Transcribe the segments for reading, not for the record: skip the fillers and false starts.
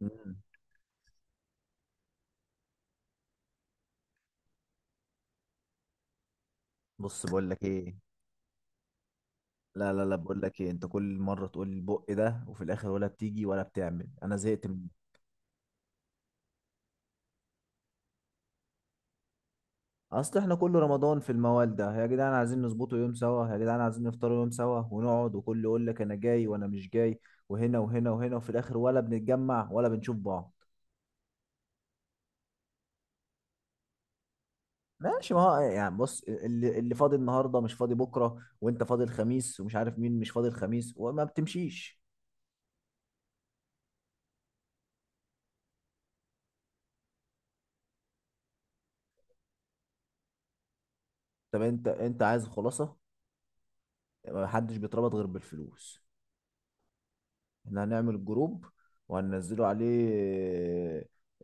مم. بص بقول لك ايه. لا لا لا، بقول لك ايه، انت كل مره تقول البق ده وفي الاخر ولا بتيجي ولا بتعمل، انا زهقت منه. اصل احنا كل رمضان في الموال ده يا جدعان، عايزين نظبطه يوم سوا يا جدعان، عايزين نفطروا يوم سوا ونقعد، وكل يقول لك انا جاي وانا مش جاي، وهنا وهنا وهنا، وفي الاخر ولا بنتجمع ولا بنشوف بعض. ماشي، ما هو يعني بص، اللي فاضي النهارده مش فاضي بكره، وانت فاضي الخميس ومش عارف مين مش فاضي الخميس، وما بتمشيش. طب انت عايز خلاصه؟ محدش بيتربط غير بالفلوس. احنا هنعمل جروب، وهننزله عليه.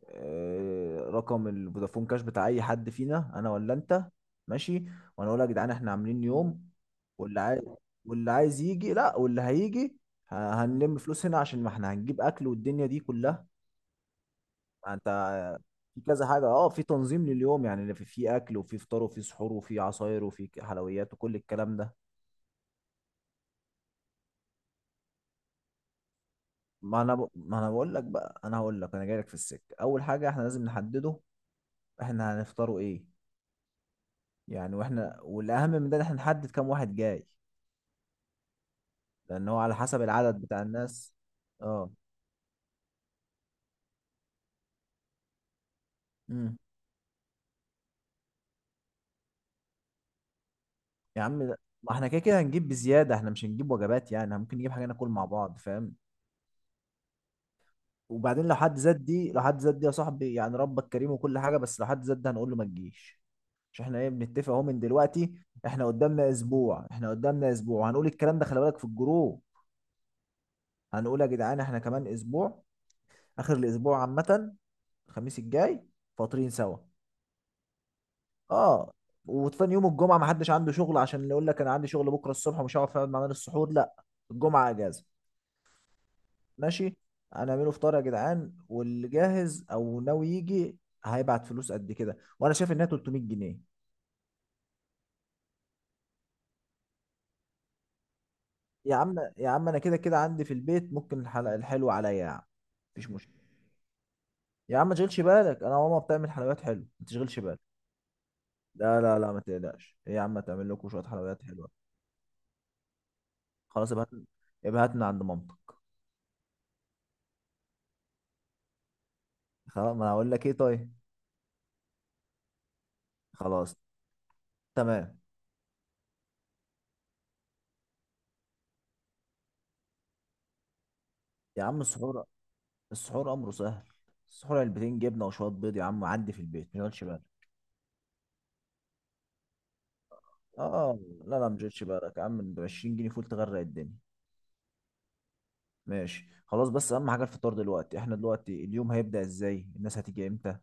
رقم الفودافون كاش بتاع اي حد فينا، انا ولا انت. ماشي. وانا اقول يا جدعان احنا عاملين يوم، واللي عايز، واللي عايز يجي لا، واللي هيجي ه- هنلم فلوس هنا، عشان ما احنا هنجيب اكل والدنيا دي كلها. انت في كذا حاجة اه، في تنظيم لليوم يعني، في اكل وفي فطار وفي سحور وفي عصاير وفي حلويات وكل الكلام ده. ما انا بقول لك بقى، انا هقول لك انا جاي لك في السكة. اول حاجة احنا لازم نحدده، احنا هنفطروا ايه. يعني واحنا، والاهم من ده ان احنا نحدد كام واحد جاي، لان هو على حسب العدد بتاع الناس. اه. امم. يا عم ما احنا كده كده هنجيب بزياده، احنا مش هنجيب وجبات يعني، إحنا ممكن نجيب حاجه ناكل مع بعض فاهم. وبعدين لو حد زاد دي يا صاحبي، يعني ربك كريم وكل حاجه، بس لو حد زاد ده هنقول له ما تجيش. مش احنا ايه بنتفق اهو من دلوقتي. احنا قدامنا اسبوع، هنقول الكلام ده خلي بالك في الجروب. هنقول يا جدعان احنا كمان اسبوع، اخر الاسبوع عامه، الخميس الجاي، فاطرين سوا. اه. وتاني يوم الجمعه ما حدش عنده شغل، عشان اللي يقول لك انا عندي شغل بكره الصبح ومش هعرف اقعد معانا للسحور، لا. الجمعه اجازه. ماشي. هنعمله فطار يا جدعان، واللي جاهز او ناوي يجي هيبعت فلوس قد كده، وانا شايف انها 300 جنيه. يا عم يا عم انا كده كده عندي في البيت، ممكن الحلقه الحلوه عليا يا عم. مفيش مشكله. يا عم ما تشغلش بالك، انا ماما بتعمل حلويات حلوه، ما تشغلش بالك. لا لا لا ما تقلقش، ايه يا عم، تعمل لكم شويه حلويات حلوه. خلاص ابهات، ابهات من عند مامتك. خلاص، ما انا هقول لك ايه طيب. خلاص. تمام. يا عم السحور، السحور امره سهل. السحور علبتين جبنه وشويه بيض يا عم، عدي في البيت، ما تشغلش بالك. اه. لا لا، ما تشغلش بالك يا عم، ب 20 جنيه فول تغرق الدنيا. ماشي خلاص، بس اهم حاجه الفطار دلوقتي. احنا دلوقتي اليوم هيبدا ازاي، الناس هتيجي امتى؟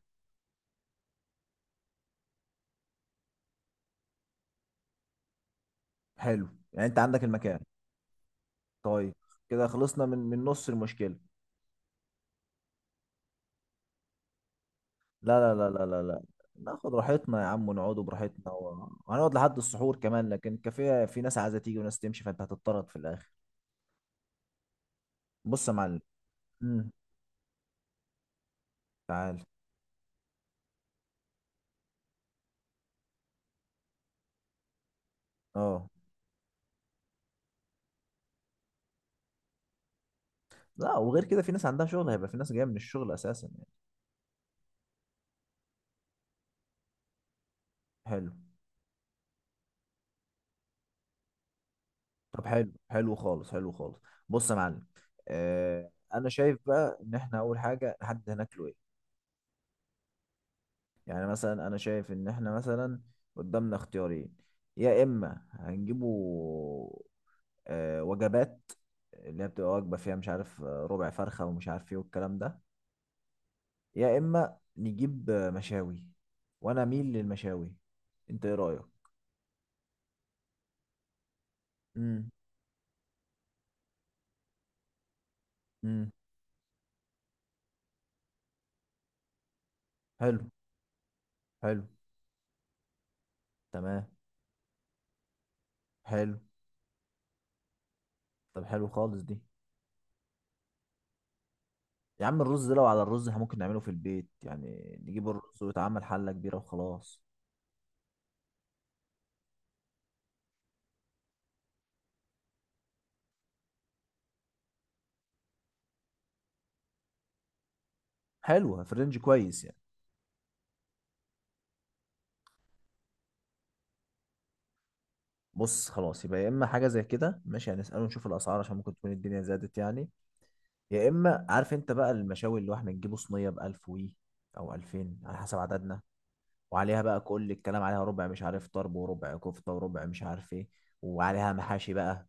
حلو. يعني انت عندك المكان. طيب. كده خلصنا من نص المشكله. لا لا لا لا لا لا، ناخد راحتنا يا عم، ونقعد براحتنا، وهنقعد لحد السحور كمان، لكن الكافيه في ناس عايزه تيجي وناس تمشي، فانت هتضطرد في الاخر. بص يا معلم. امم. تعال. اه. لا، وغير كده في ناس عندها شغل، هيبقى في ناس جايه من الشغل اساسا يعني. حلو. طب حلو حلو خالص حلو خالص. بص يا معلم. آه انا شايف بقى ان احنا اول حاجه نحدد هناكله ايه. يعني مثلا انا شايف ان احنا مثلا قدامنا اختيارين. يا اما هنجيبه وجبات، اللي هي بتبقى وجبه فيها مش عارف ربع فرخه ومش عارف ايه والكلام ده. يا اما نجيب مشاوي، وانا اميل للمشاوي. انت ايه رايك؟ امم. امم. حلو. حلو. تمام. حلو. طب حلو خالص دي. يا عم الرز ده، لو على الرز احنا ممكن نعمله في البيت يعني، نجيب الرز ويتعمل حلة كبيرة وخلاص. حلوة، في رينج كويس يعني. بص خلاص، يبقى يا اما حاجة زي كده ماشي، هنسأله نشوف الأسعار، عشان ممكن تكون الدنيا زادت يعني. يا اما، عارف انت بقى، المشاوي اللي هو احنا نجيبه صينية بألف وي، او ألفين على حسب عددنا. وعليها بقى كل الكلام، عليها ربع مش عارف طرب وربع كفتة وربع مش عارف ايه، وعليها محاشي بقى.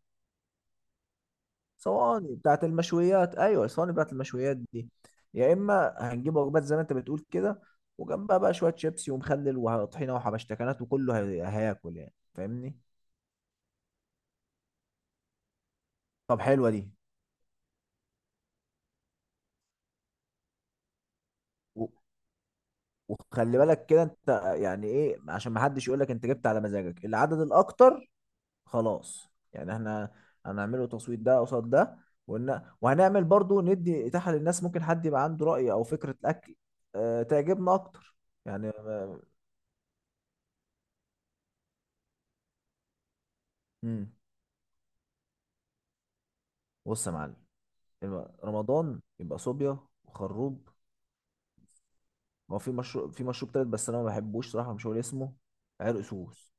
صواني بتاعت المشويات، ايوه الصواني بتاعت المشويات دي. يا اما هنجيب وجبات زي ما انت بتقول كده، وجنبها بقى شويه شيبسي ومخلل وطحينه وحبشتكنات، وكله هياكل يعني فاهمني. طب حلوه دي. و- وخلي بالك كده انت، يعني ايه، عشان ما حدش يقول لك انت جبت على مزاجك العدد الاكتر. خلاص يعني احنا هنعمله تصويت، ده قصاد ده. وهنعمل برضو ندي اتاحه للناس، ممكن حد يبقى عنده راي او فكره اكل أه تعجبنا اكتر يعني. امم. بص يا معلم، رمضان يبقى صوبيا وخروب. ما هو في مشروب تالت، بس انا ما بحبوش صراحه، مش هقول اسمه. عرق سوس.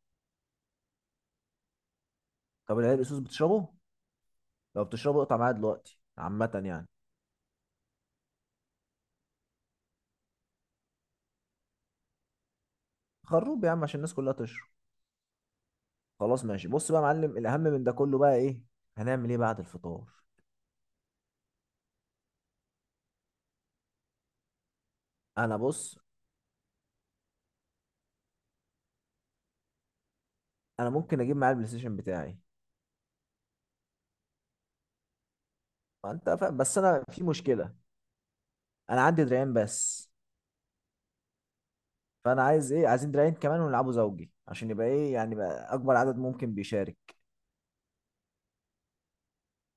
طب العرق سوس بتشربه؟ لو بتشربه اقطع معايا دلوقتي عامه يعني. خروب يا عم، عشان الناس كلها تشرب. خلاص ماشي. بص بقى يا معلم، الاهم من ده كله بقى ايه؟ هنعمل ايه بعد الفطار؟ انا بص، انا ممكن اجيب معايا البلاي ستيشن بتاعي. ما انت فاهم، بس انا في مشكله. انا عندي دراعين بس، فانا عايز ايه، عايزين دراعين كمان ونلعبه زوجي، عشان يبقى ايه يعني، بقى اكبر عدد ممكن بيشارك.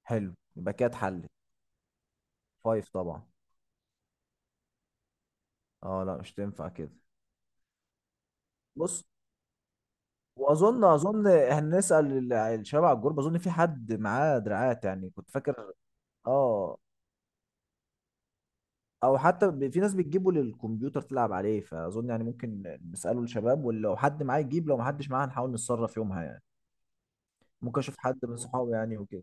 حلو، يبقى كده اتحل. فايف طبعا. اه لا، مش تنفع كده. بص، واظن هنسال الشباب على الجروب، اظن في حد معاه دراعات يعني، كنت فاكر. اه. او حتى في ناس بتجيبه للكمبيوتر تلعب عليه، فاظن يعني ممكن نساله الشباب، ولو حد معاه يجيب، لو ما حدش معاه هنحاول نتصرف يومها يعني. ممكن اشوف حد من صحابي يعني وكده.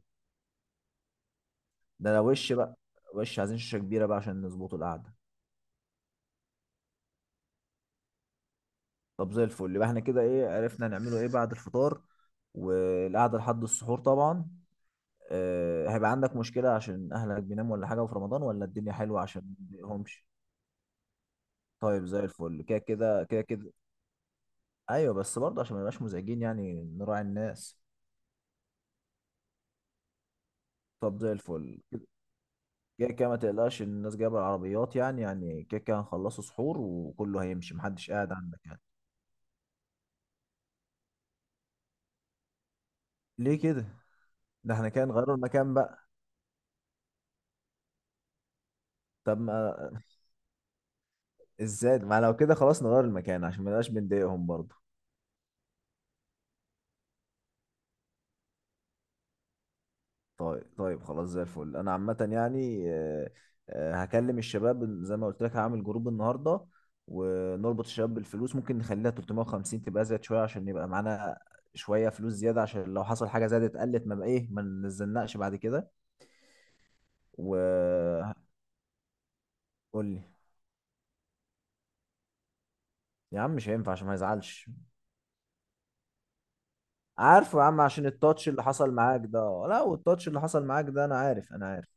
ده لو وش بقى، وش عايزين شاشه كبيره بقى، عشان نظبطوا القعده. طب زي الفل، يبقى احنا كده ايه، عرفنا هنعمله ايه بعد الفطار والقعده لحد السحور طبعا. هيبقى عندك مشكلة عشان أهلك بيناموا ولا حاجة، وفي رمضان ولا الدنيا حلوة، عشان ما تضايقهمش. طيب زي الفل. كده كده كده كده. أيوة، بس برضه عشان ما يبقاش مزعجين يعني، نراعي الناس. طب زي الفل. كده كده، ما تقلقش، الناس جايبة العربيات يعني، يعني كده كده هنخلصوا سحور وكله هيمشي، محدش قاعد عندك يعني. ليه كده؟ ده احنا كده نغيروا المكان بقى. طب ما، ازاي ما، لو كده خلاص نغير المكان، عشان ما نبقاش بنضايقهم برضه. طيب طيب خلاص، زي الفل انا عامه يعني. هكلم الشباب زي ما قلت لك، هعمل جروب النهارده، ونربط الشباب بالفلوس. ممكن نخليها 350 تبقى زيادة شويه، عشان يبقى معانا شويه فلوس زياده، عشان لو حصل حاجه زادت، قلت ما بقى ايه، ما نزلناش بعد كده. وقول لي. يا عم مش هينفع، عشان ما يزعلش. عارفه يا عم، عشان التاتش اللي حصل معاك ده. لا، والتاتش اللي حصل معاك ده انا عارف، انا عارف.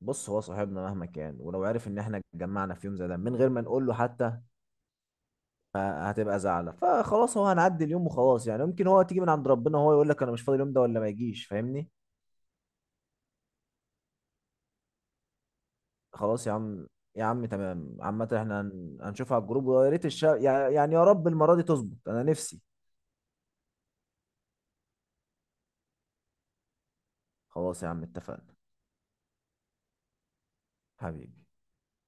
بص، هو صاحبنا مهما كان، ولو عارف ان احنا اتجمعنا في يوم زي ده من غير ما نقول له حتى، فهتبقى زعلة. فخلاص هو، هنعدي اليوم وخلاص يعني، ممكن هو تيجي من عند ربنا هو يقول لك انا مش فاضي اليوم ده، ولا ما يجيش فاهمني. خلاص يا عم. يا عم تمام عامة، احنا هنشوفها على الجروب، ويا ريت يعني يعني، يا رب المرة دي تظبط انا نفسي. خلاص يا عم، اتفقنا. حبيبي.